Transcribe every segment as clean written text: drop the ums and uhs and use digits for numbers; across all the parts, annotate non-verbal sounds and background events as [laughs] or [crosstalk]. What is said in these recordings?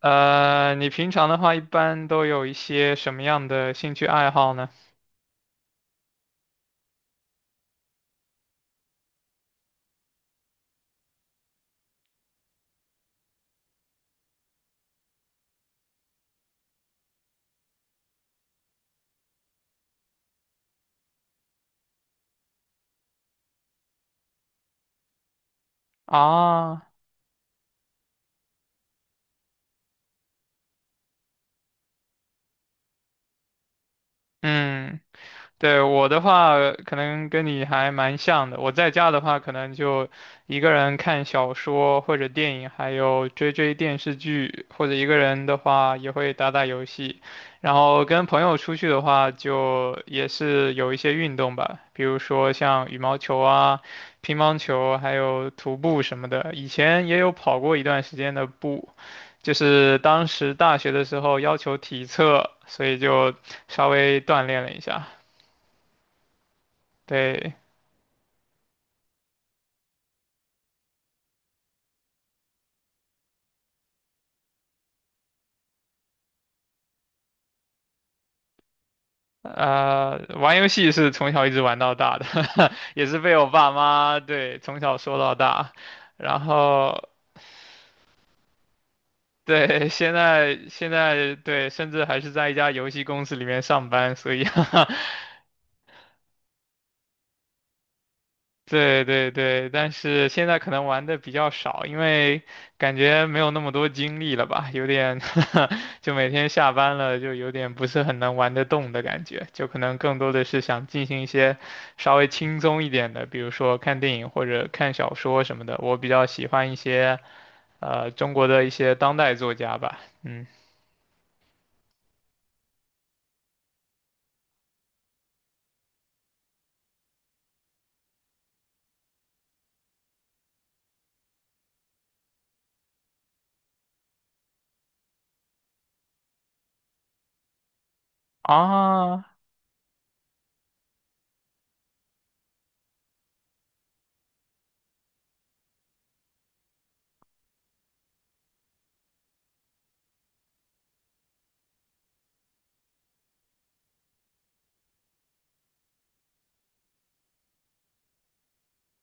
你平常的话一般都有一些什么样的兴趣爱好呢？啊，嗯，对，我的话，可能跟你还蛮像的。我在家的话，可能就一个人看小说或者电影，还有追追电视剧，或者一个人的话也会打打游戏。然后跟朋友出去的话，就也是有一些运动吧，比如说像羽毛球啊、乒乓球，还有徒步什么的。以前也有跑过一段时间的步，就是当时大学的时候要求体测，所以就稍微锻炼了一下。对，玩游戏是从小一直玩到大的，[laughs] 也是被我爸妈对从小说到大，然后对现在对，甚至还是在一家游戏公司里面上班，所以 [laughs] 对对对，但是现在可能玩的比较少，因为感觉没有那么多精力了吧，有点 [laughs] 就每天下班了就有点不是很能玩得动的感觉，就可能更多的是想进行一些稍微轻松一点的，比如说看电影或者看小说什么的。我比较喜欢一些中国的一些当代作家吧，嗯啊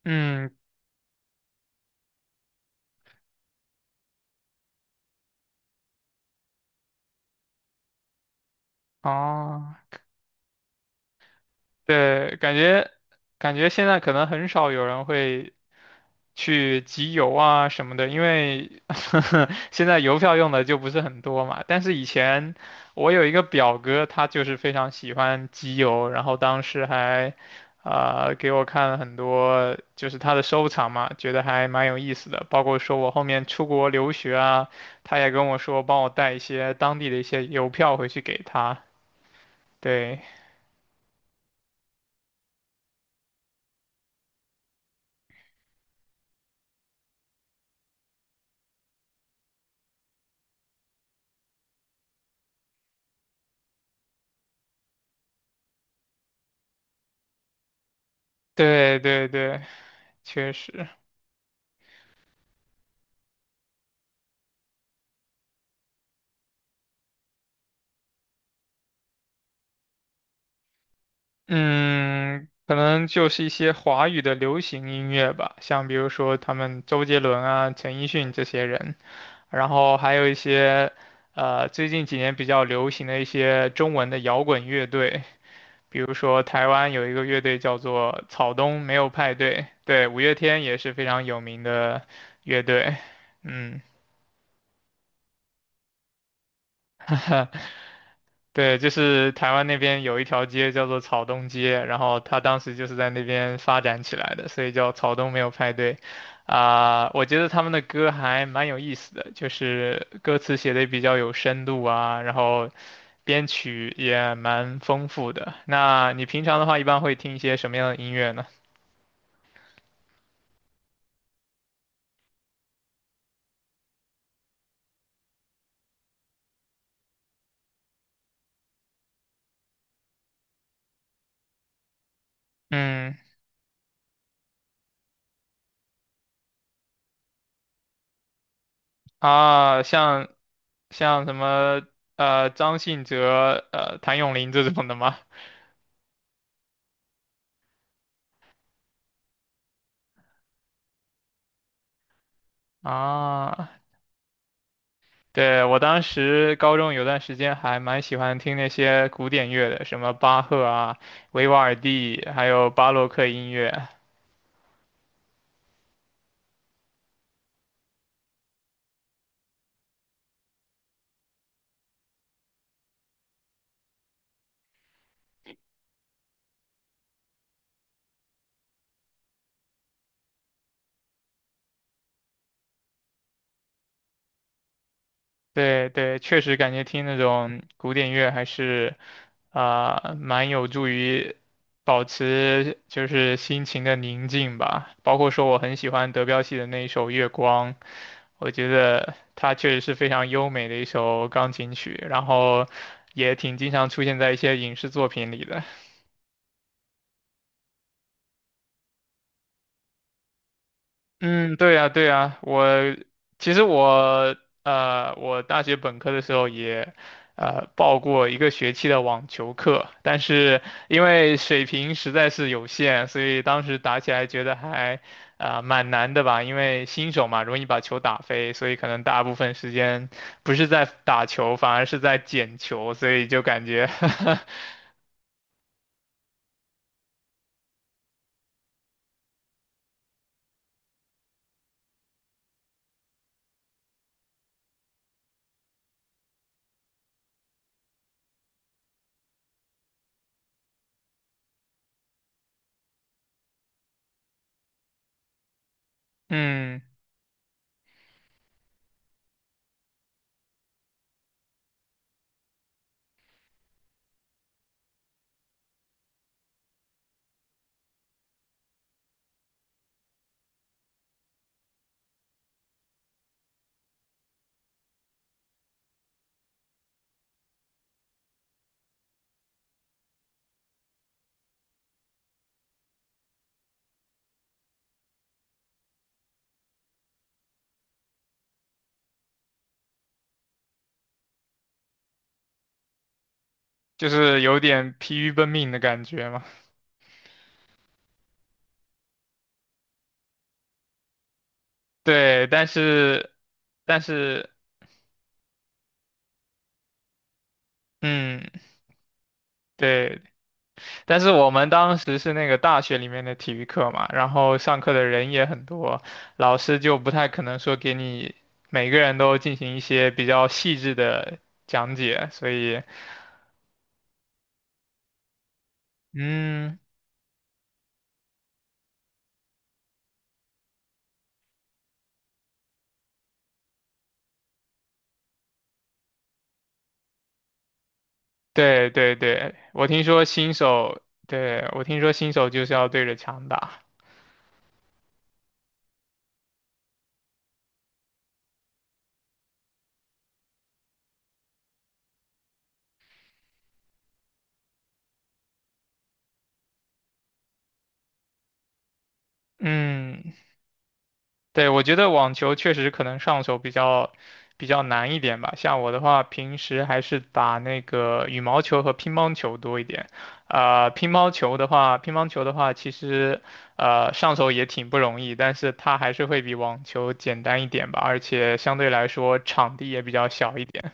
嗯啊。对，感觉现在可能很少有人会去集邮啊什么的，因为 [laughs] 现在邮票用的就不是很多嘛。但是以前我有一个表哥，他就是非常喜欢集邮，然后当时还给我看了很多就是他的收藏嘛，觉得还蛮有意思的。包括说我后面出国留学啊，他也跟我说帮我带一些当地的一些邮票回去给他。对，对对对，确实，嗯，可能就是一些华语的流行音乐吧，像比如说他们周杰伦啊、陈奕迅这些人，然后还有一些最近几年比较流行的一些中文的摇滚乐队，比如说台湾有一个乐队叫做草东没有派对，对，五月天也是非常有名的乐队，嗯。[laughs] 对，就是台湾那边有一条街叫做草东街，然后他当时就是在那边发展起来的，所以叫草东没有派对。啊、我觉得他们的歌还蛮有意思的，就是歌词写的比较有深度啊，然后编曲也蛮丰富的。那你平常的话，一般会听一些什么样的音乐呢？嗯，啊，像什么张信哲、谭咏麟这种的吗？[laughs] 啊，对，我当时高中有段时间还蛮喜欢听那些古典乐的，什么巴赫啊、维瓦尔第，还有巴洛克音乐。对对，确实感觉听那种古典乐还是啊、蛮有助于保持就是心情的宁静吧。包括说我很喜欢德彪西的那一首《月光》，我觉得它确实是非常优美的一首钢琴曲，然后也挺经常出现在一些影视作品里的。嗯，对呀，对呀，我其实我我大学本科的时候也报过一个学期的网球课，但是因为水平实在是有限，所以当时打起来觉得还啊、蛮难的吧，因为新手嘛，容易把球打飞，所以可能大部分时间不是在打球，反而是在捡球，所以就感觉 [laughs] 嗯，就是有点疲于奔命的感觉嘛。对，但是，但是，嗯，对，但是我们当时是那个大学里面的体育课嘛，然后上课的人也很多，老师就不太可能说给你每个人都进行一些比较细致的讲解，所以，嗯，对对对，我听说新手，对，我听说新手就是要对着墙打，嗯，对，我觉得网球确实可能上手比较难一点吧。像我的话，平时还是打那个羽毛球和乒乓球多一点。乒乓球的话，其实上手也挺不容易，但是它还是会比网球简单一点吧，而且相对来说场地也比较小一点。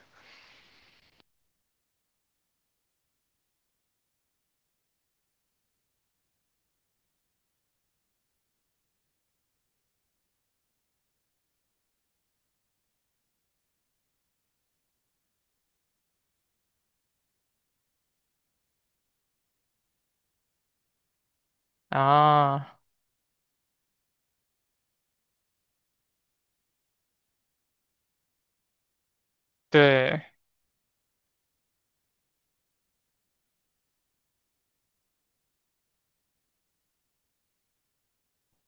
啊，对。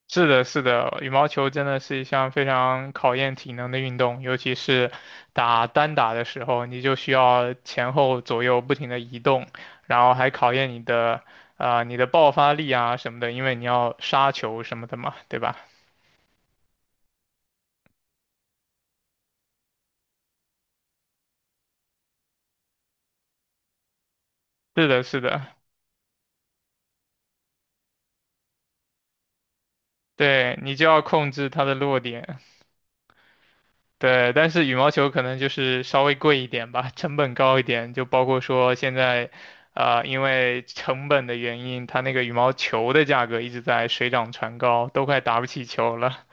是的，是的，羽毛球真的是一项非常考验体能的运动，尤其是打单打的时候，你就需要前后左右不停的移动，然后还考验你的啊、你的爆发力啊什么的，因为你要杀球什么的嘛，对吧？是的，是的，对，你就要控制它的落点。对，但是羽毛球可能就是稍微贵一点吧，成本高一点，就包括说现在，因为成本的原因，它那个羽毛球的价格一直在水涨船高，都快打不起球了。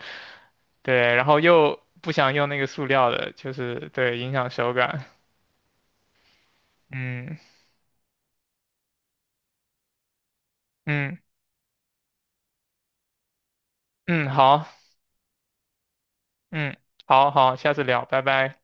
对，然后又不想用那个塑料的，就是对，影响手感。嗯嗯嗯，好，嗯，好好，下次聊，拜拜。